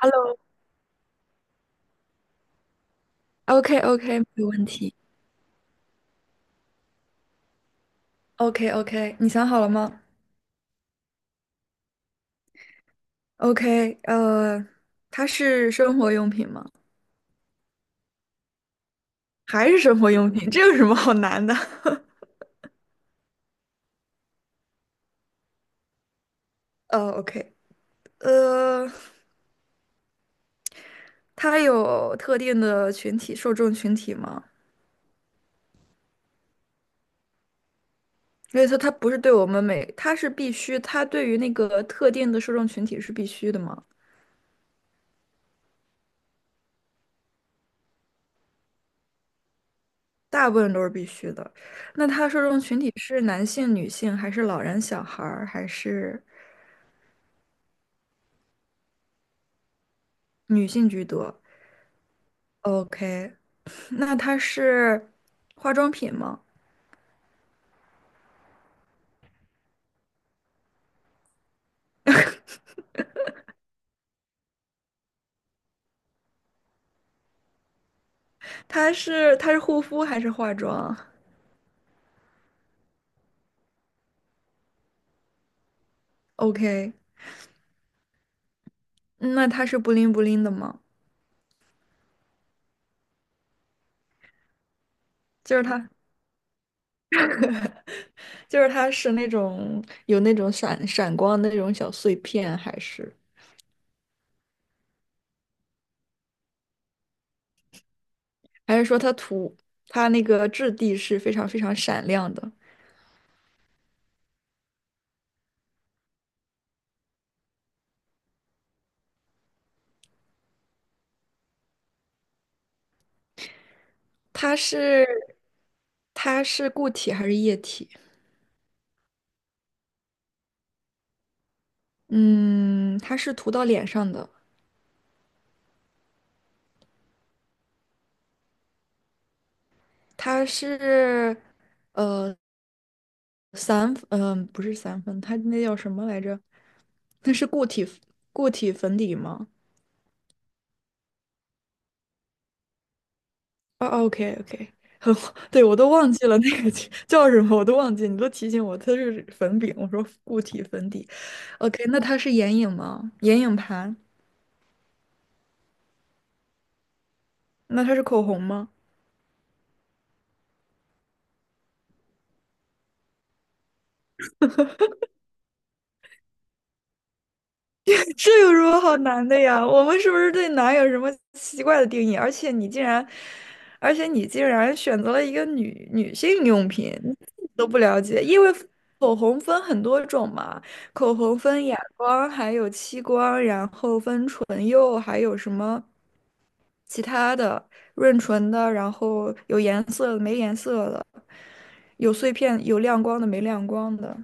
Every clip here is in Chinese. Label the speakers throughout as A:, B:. A: Hello,OK，没有问题。OK，你想好了吗？OK,它是生活用品吗？还是生活用品？这有什么好难的？OK,呃，它有特定的群体受众群体吗？所以说它不是对我们每，它是必须，它对于那个特定的受众群体是必须的吗？大部分都是必须的。那它受众群体是男性、女性，还是老人、小孩儿，还是女性居多？OK,那它是化妆品吗？它是护肤还是化妆？OK,那它是布灵布灵的吗？就是它就是它是那种有那种闪闪光的那种小碎片，还是还是说它涂它那个质地是非常非常闪亮的？它是它是固体还是液体？嗯，它是涂到脸上的，它是。呃。散，嗯、不是散粉，它那叫什么来着？那是固体粉底吗？哦，OK，对，我都忘记了那个叫叫什么，我都忘记，你都提醒我，它是粉饼，我说固体粉底。OK,那它是眼影吗？眼影盘？那它是口红吗？这有什么好难的呀？我们是不是对难有什么奇怪的定义？而且你竟然选择了一个女性用品，你自己都不了解，因为口红分很多种嘛，口红分哑光，还有漆光，然后分唇釉，还有什么其他的润唇的，然后有颜色的，没颜色的，有碎片，有亮光的，没亮光的。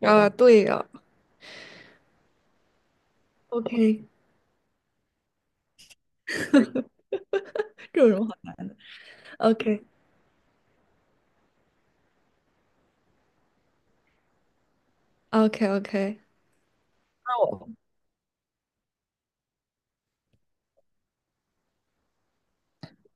A: 啊，对呀，OK,这有什么好？OK。OK，那我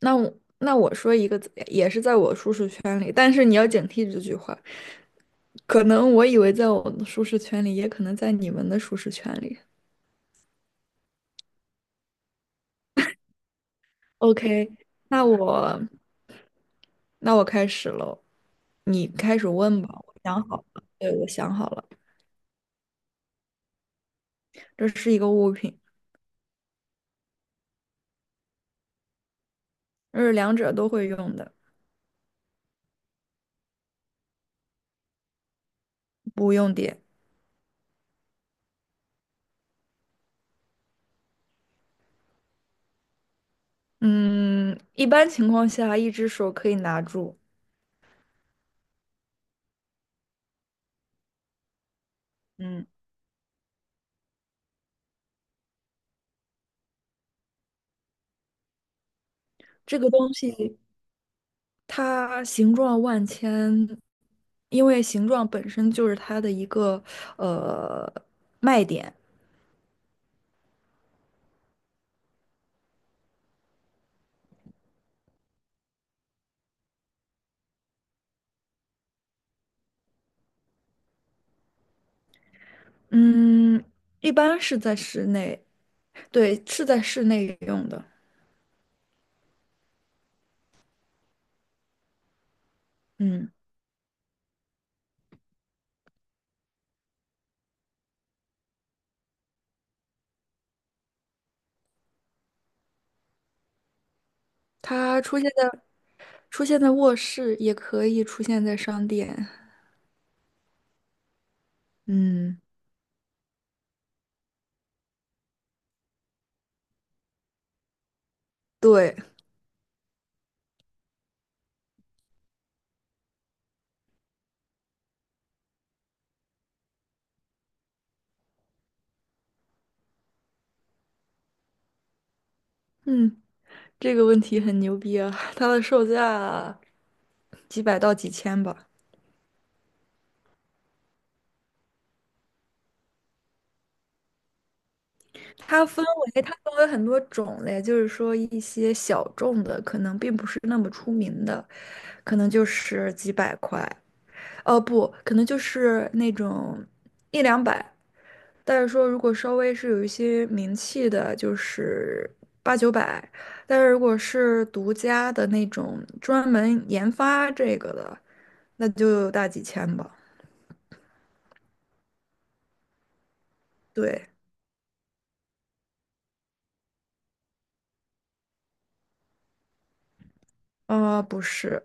A: 那我说一个，也是在我舒适圈里，但是你要警惕这句话。可能我以为在我的舒适圈里，也可能在你们的舒适圈里。OK,那我那我开始喽，你开始问吧。我想好了，对，我想好了，这是一个物品，这是两者都会用的，不用点。嗯，一般情况下，一只手可以拿住。嗯，这个东西。它形状万千，因为形状本身就是它的一个呃卖点。嗯，一般是在室内，对，是在室内用的。嗯，它出现在卧室，也可以出现在商店。嗯，对，嗯，这个问题很牛逼啊！它的售价几百到几千吧。它分它分为很多种类，就是说一些小众的，可能并不是那么出名的，可能就是几百块，哦不，可能就是那种一两百。但是说如果稍微是有一些名气的，就是八九百。但是如果是独家的那种专门研发这个的，那就大几千吧。对，啊，不是，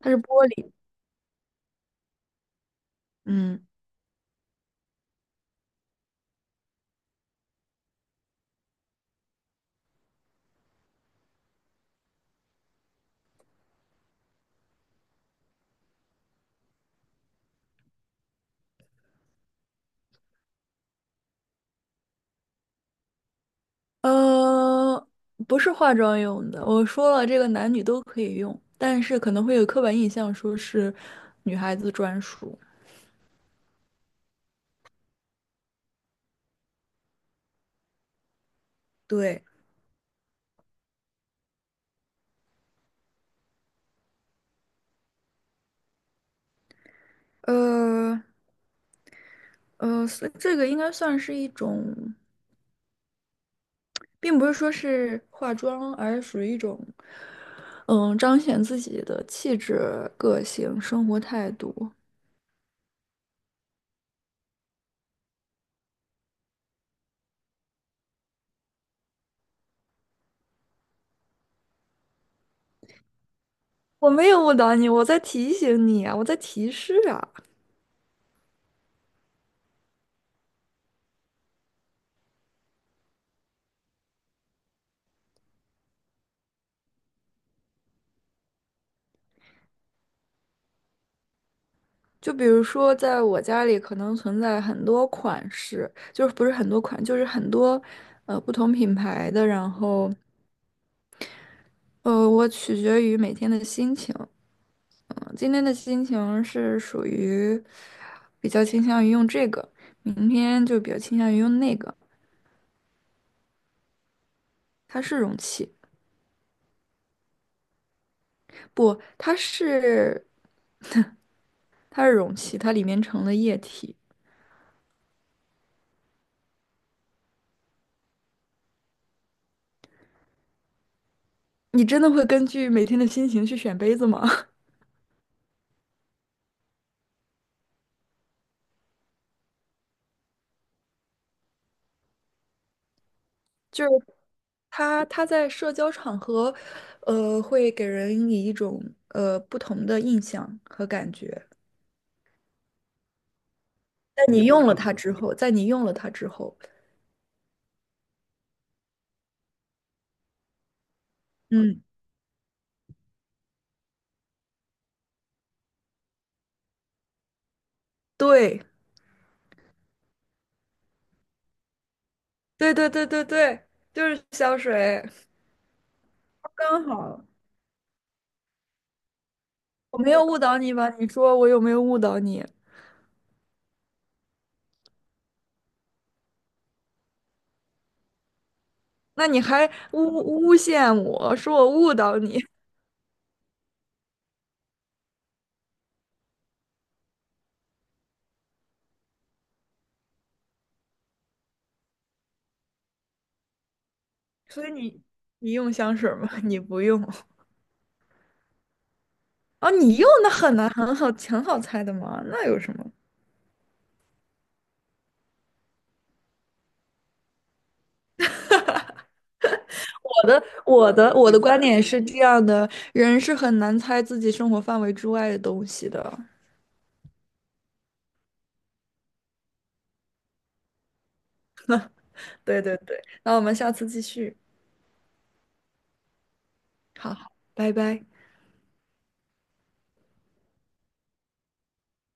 A: 它是玻璃，嗯。呃，不是化妆用的。我说了，这个男女都可以用，但是可能会有刻板印象，说是女孩子专属。对，呃所以这个应该算是一种，并不是说是化妆，而是属于一种，嗯，彰显自己的气质、个性、生活态度。我没有误导你，我在提醒你啊，我在提示啊。就比如说，在我家里可能存在很多款式，就是不是很多款，就是很多不同品牌的。然后我取决于每天的心情。今天的心情是属于比较倾向于用这个，明天就比较倾向于用那个。它是容器，不，它是容器，它里面盛的液体。你真的会根据每天的心情去选杯子吗？就是他在社交场合，呃，会给人以一种不同的印象和感觉。在你用了它之后，在你用了它之后，嗯，对，对对对对对，就是香水，刚好我没有误导你吧？你说我有没有误导你？那你还诬陷我说我误导你，所以你你用香水吗？你不用哦，你用的很难很好挺好猜的嘛，那有什么？我的我的观点是这样的，人是很难猜自己生活范围之外的东西的。对对对，那我们下次继续。好，拜拜。